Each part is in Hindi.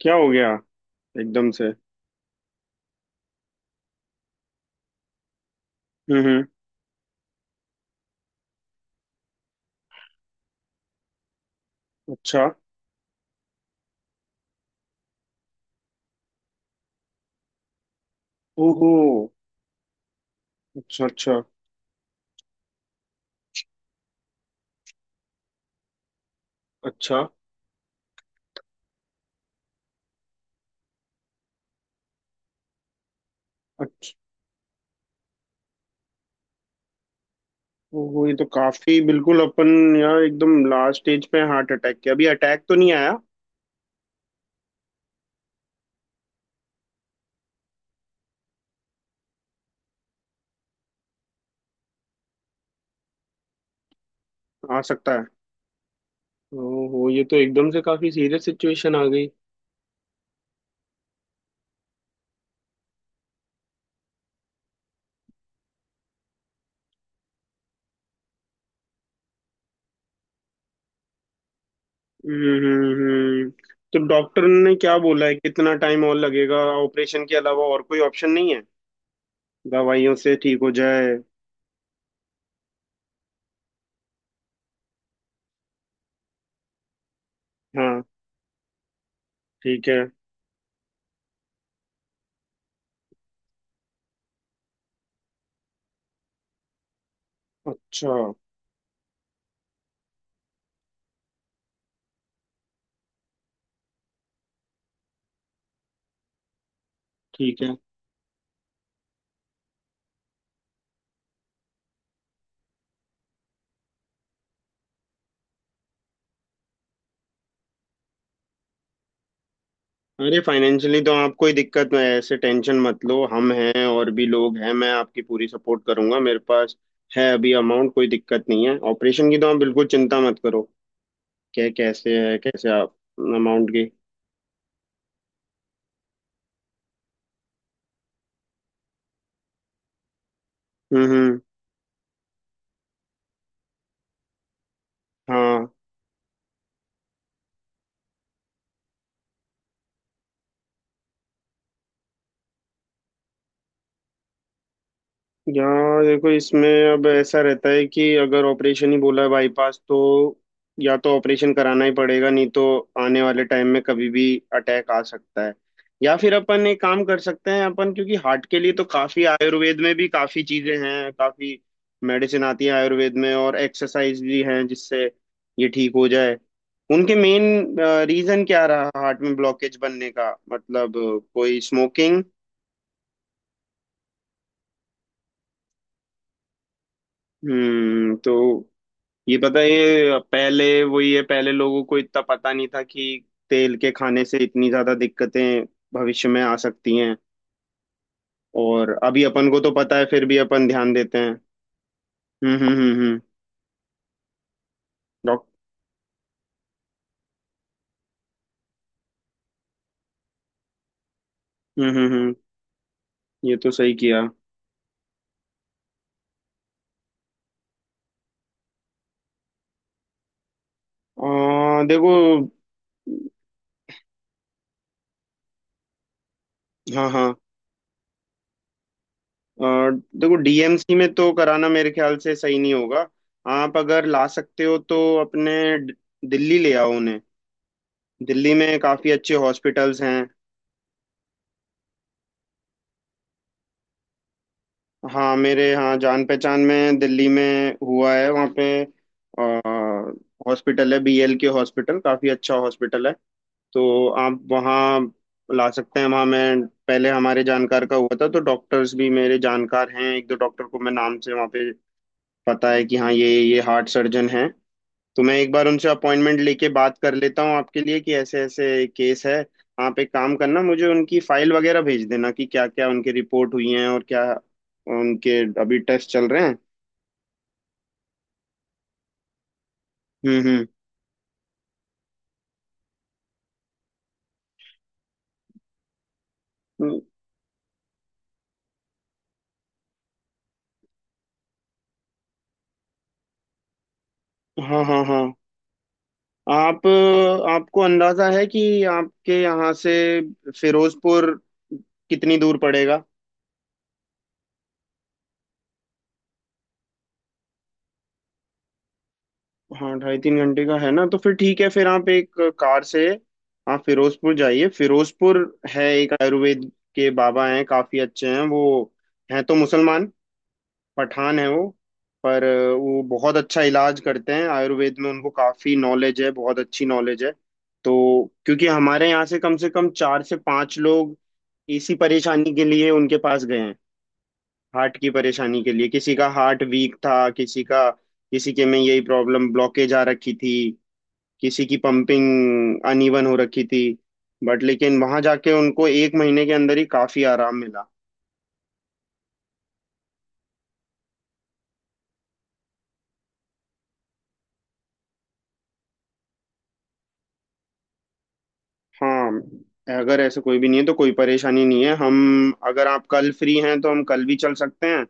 क्या हो गया एकदम से। हम्म। हम्म। अच्छा। ओहो। अच्छा। अच्छा। अच्छा। अच्छा। ओहो, ये तो काफी बिल्कुल अपन। यार एकदम लास्ट स्टेज पे हार्ट अटैक के। अभी अटैक तो नहीं आया? आ सकता है। ओहो, ये तो एकदम से काफी सीरियस सिचुएशन आ गई। हम्म हम्म हम्म। तो डॉक्टर ने क्या बोला है, कितना टाइम और लगेगा? ऑपरेशन के अलावा और कोई ऑप्शन नहीं है? दवाइयों से ठीक हो जाए। हाँ। ठीक है। अच्छा। ठीक है। अरे फाइनेंशियली तो आप कोई दिक्कत नहीं है, ऐसे टेंशन मत लो, हम हैं और भी लोग हैं, मैं आपकी पूरी सपोर्ट करूंगा। मेरे पास है अभी, अमाउंट कोई दिक्कत नहीं है ऑपरेशन की, तो आप बिल्कुल चिंता मत करो। क्या कैसे है, कैसे आप? अमाउंट की। हम्म। हम्म। हाँ। यहाँ देखो, इसमें अब ऐसा रहता है कि अगर ऑपरेशन ही बोला है बाईपास, तो या तो ऑपरेशन कराना ही पड़ेगा, नहीं तो आने वाले टाइम में कभी भी अटैक आ सकता है। या फिर अपन एक काम कर सकते हैं अपन, क्योंकि हार्ट के लिए तो काफी आयुर्वेद में भी काफी चीजें हैं, काफी मेडिसिन आती है आयुर्वेद में, और एक्सरसाइज भी हैं जिससे ये ठीक हो जाए। उनके मेन रीजन क्या रहा हार्ट में ब्लॉकेज बनने का, मतलब कोई स्मोकिंग? तो ये पता है, ये पहले वही है, पहले लोगों को इतना पता नहीं था कि तेल के खाने से इतनी ज्यादा दिक्कतें भविष्य में आ सकती हैं। और अभी अपन को तो पता है, फिर भी अपन ध्यान देते हैं। हम्म। हम्म। हम्म। डॉक हम्म। हम्म। हम्म। ये तो सही किया। देखो। हाँ। हाँ। आ, देखो, डीएमसी में तो कराना मेरे ख्याल से सही नहीं होगा। आप अगर ला सकते हो तो अपने ड- दिल्ली ले आओ उन्हें। दिल्ली में काफी अच्छे हॉस्पिटल्स हैं। हाँ, मेरे हाँ जान पहचान में दिल्ली में हुआ है। वहाँ पे हॉस्पिटल है, बीएल के हॉस्पिटल, काफ़ी अच्छा हॉस्पिटल है। तो आप वहाँ ला सकते हैं। वहाँ मैं, पहले हमारे जानकार का हुआ था, तो डॉक्टर्स भी मेरे जानकार हैं। एक दो डॉक्टर को मैं नाम से वहाँ पे पता है कि हाँ ये हार्ट सर्जन हैं। तो मैं एक बार उनसे अपॉइंटमेंट लेके बात कर लेता हूँ आपके लिए कि ऐसे ऐसे केस है। आप एक काम करना, मुझे उनकी फाइल वगैरह भेज देना कि क्या क्या उनकी रिपोर्ट हुई है और क्या उनके अभी टेस्ट चल रहे हैं। हम्म। हम्म। हाँ हाँ हाँ। आप, आपको अंदाजा है कि आपके यहाँ से फिरोजपुर कितनी दूर पड़ेगा? हाँ ढाई तीन घंटे का है ना, तो फिर ठीक है, फिर आप एक कार से आप फिरोजपुर जाइए। फिरोजपुर है एक आयुर्वेद के बाबा, हैं काफी अच्छे हैं वो। हैं तो मुसलमान, पठान है वो, पर वो बहुत अच्छा इलाज करते हैं। आयुर्वेद में उनको काफी नॉलेज है, बहुत अच्छी नॉलेज है। तो क्योंकि हमारे यहाँ से कम चार से पांच लोग इसी परेशानी के लिए उनके पास गए हैं, हार्ट की परेशानी के लिए। किसी का हार्ट वीक था, किसी का, किसी के में यही प्रॉब्लम ब्लॉकेज आ रखी थी, किसी की पंपिंग अनइवन हो रखी थी, बट लेकिन वहां जाके उनको एक महीने के अंदर ही काफी आराम मिला। हाँ, अगर ऐसे कोई भी नहीं है तो कोई परेशानी नहीं है हम, अगर आप कल फ्री हैं तो हम कल भी चल सकते हैं।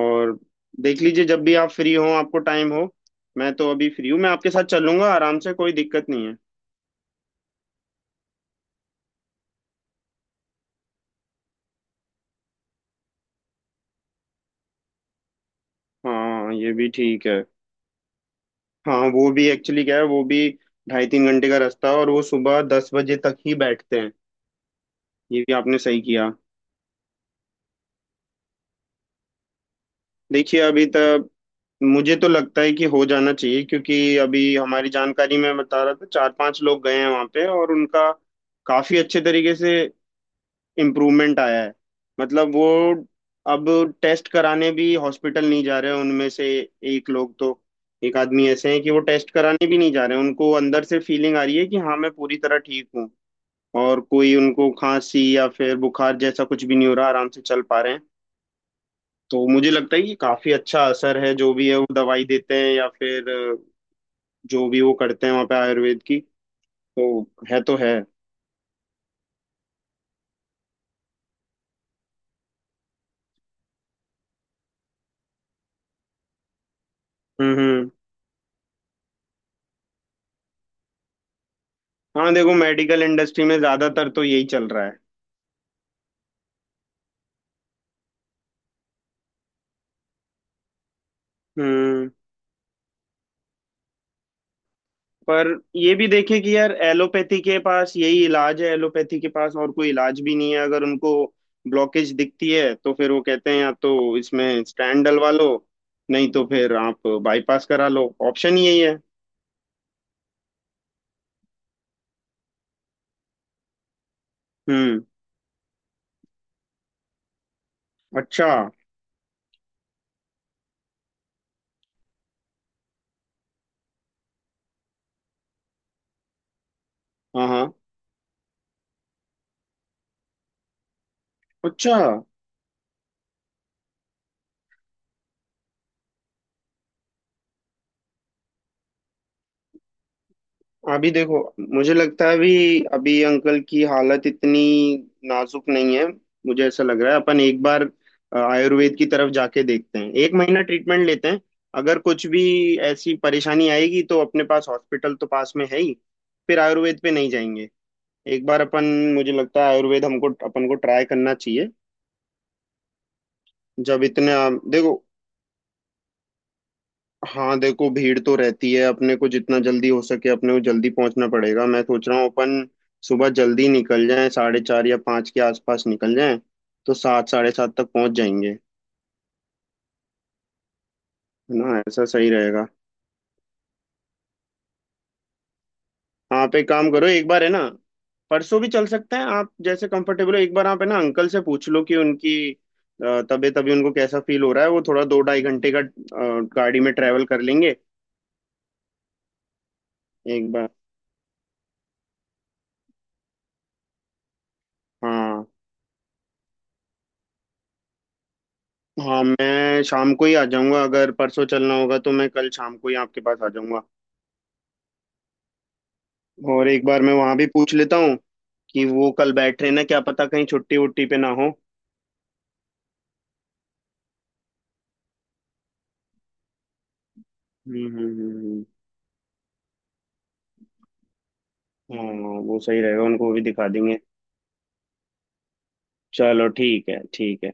और देख लीजिए, जब भी आप फ्री हो, आपको टाइम हो। मैं तो अभी फ्री हूँ, मैं आपके साथ चलूंगा आराम से, कोई दिक्कत नहीं है। हाँ ये भी ठीक है। हाँ, वो भी एक्चुअली क्या है, वो भी ढाई तीन घंटे का रास्ता है, और वो सुबह 10 बजे तक ही बैठते हैं। ये भी आपने सही किया। देखिए अभी तक, मुझे तो लगता है कि हो जाना चाहिए, क्योंकि अभी हमारी जानकारी में बता रहा था चार पांच लोग गए हैं वहां पे, और उनका काफी अच्छे तरीके से इम्प्रूवमेंट आया है। मतलब वो अब टेस्ट कराने भी हॉस्पिटल नहीं जा रहे हैं उनमें से। एक लोग तो, एक आदमी ऐसे हैं कि वो टेस्ट कराने भी नहीं जा रहे हैं, उनको अंदर से फीलिंग आ रही है कि हाँ मैं पूरी तरह ठीक हूँ। और कोई उनको खांसी या फिर बुखार जैसा कुछ भी नहीं हो रहा, आराम से चल पा रहे हैं। तो मुझे लगता है कि काफी अच्छा असर है, जो भी है वो दवाई देते हैं या फिर जो भी वो करते हैं वहाँ पे आयुर्वेद की। तो है तो है। हम्म। हम्म। हाँ देखो, मेडिकल इंडस्ट्री में ज्यादातर तो यही चल रहा है। हम्म पर ये भी देखें कि यार एलोपैथी के पास यही इलाज है, एलोपैथी के पास और कोई इलाज भी नहीं है। अगर उनको ब्लॉकेज दिखती है तो फिर वो कहते हैं या तो इसमें स्टैंड डलवा लो, नहीं तो फिर आप बाईपास करा लो, ऑप्शन ही यही है। हम्म। अच्छा। हाँ हाँ। अच्छा। अभी देखो, मुझे लगता है अभी अभी अंकल की हालत इतनी नाजुक नहीं है। मुझे ऐसा लग रहा है, अपन एक बार आयुर्वेद की तरफ जाके देखते हैं, एक महीना ट्रीटमेंट लेते हैं। अगर कुछ भी ऐसी परेशानी आएगी तो अपने पास हॉस्पिटल तो पास में है ही, फिर आयुर्वेद पे नहीं जाएंगे। एक बार अपन, मुझे लगता है आयुर्वेद हमको अपन को ट्राई करना चाहिए। जब इतना देखो। हाँ देखो, भीड़ तो रहती है, अपने को जितना जल्दी हो सके अपने को जल्दी पहुंचना पड़ेगा। मैं सोच रहा हूँ अपन सुबह जल्दी निकल जाएं, साढ़े चार या पाँच के आसपास निकल जाएं, तो सात साढ़े सात तक पहुंच जाएंगे। है ना, ऐसा सही रहेगा। आप एक काम करो एक बार, है ना। परसों भी चल सकते हैं, आप जैसे कंफर्टेबल हो, एक बार आप है ना अंकल से पूछ लो कि उनकी तबीयत अभी उनको कैसा फील हो रहा है, वो थोड़ा दो ढाई घंटे का गाड़ी में ट्रैवल कर लेंगे। एक बार। हाँ। हाँ मैं शाम को ही आ जाऊंगा, अगर परसों चलना होगा तो मैं कल शाम को ही आपके पास आ जाऊंगा। और एक बार मैं वहां भी पूछ लेता हूँ कि वो कल बैठ रहे ना, क्या पता कहीं छुट्टी वुट्टी पे ना हो। हम्म। हम्म। हम्म। हम्म। हाँ वो सही रहेगा, उनको भी दिखा देंगे। चलो, ठीक है, ठीक है।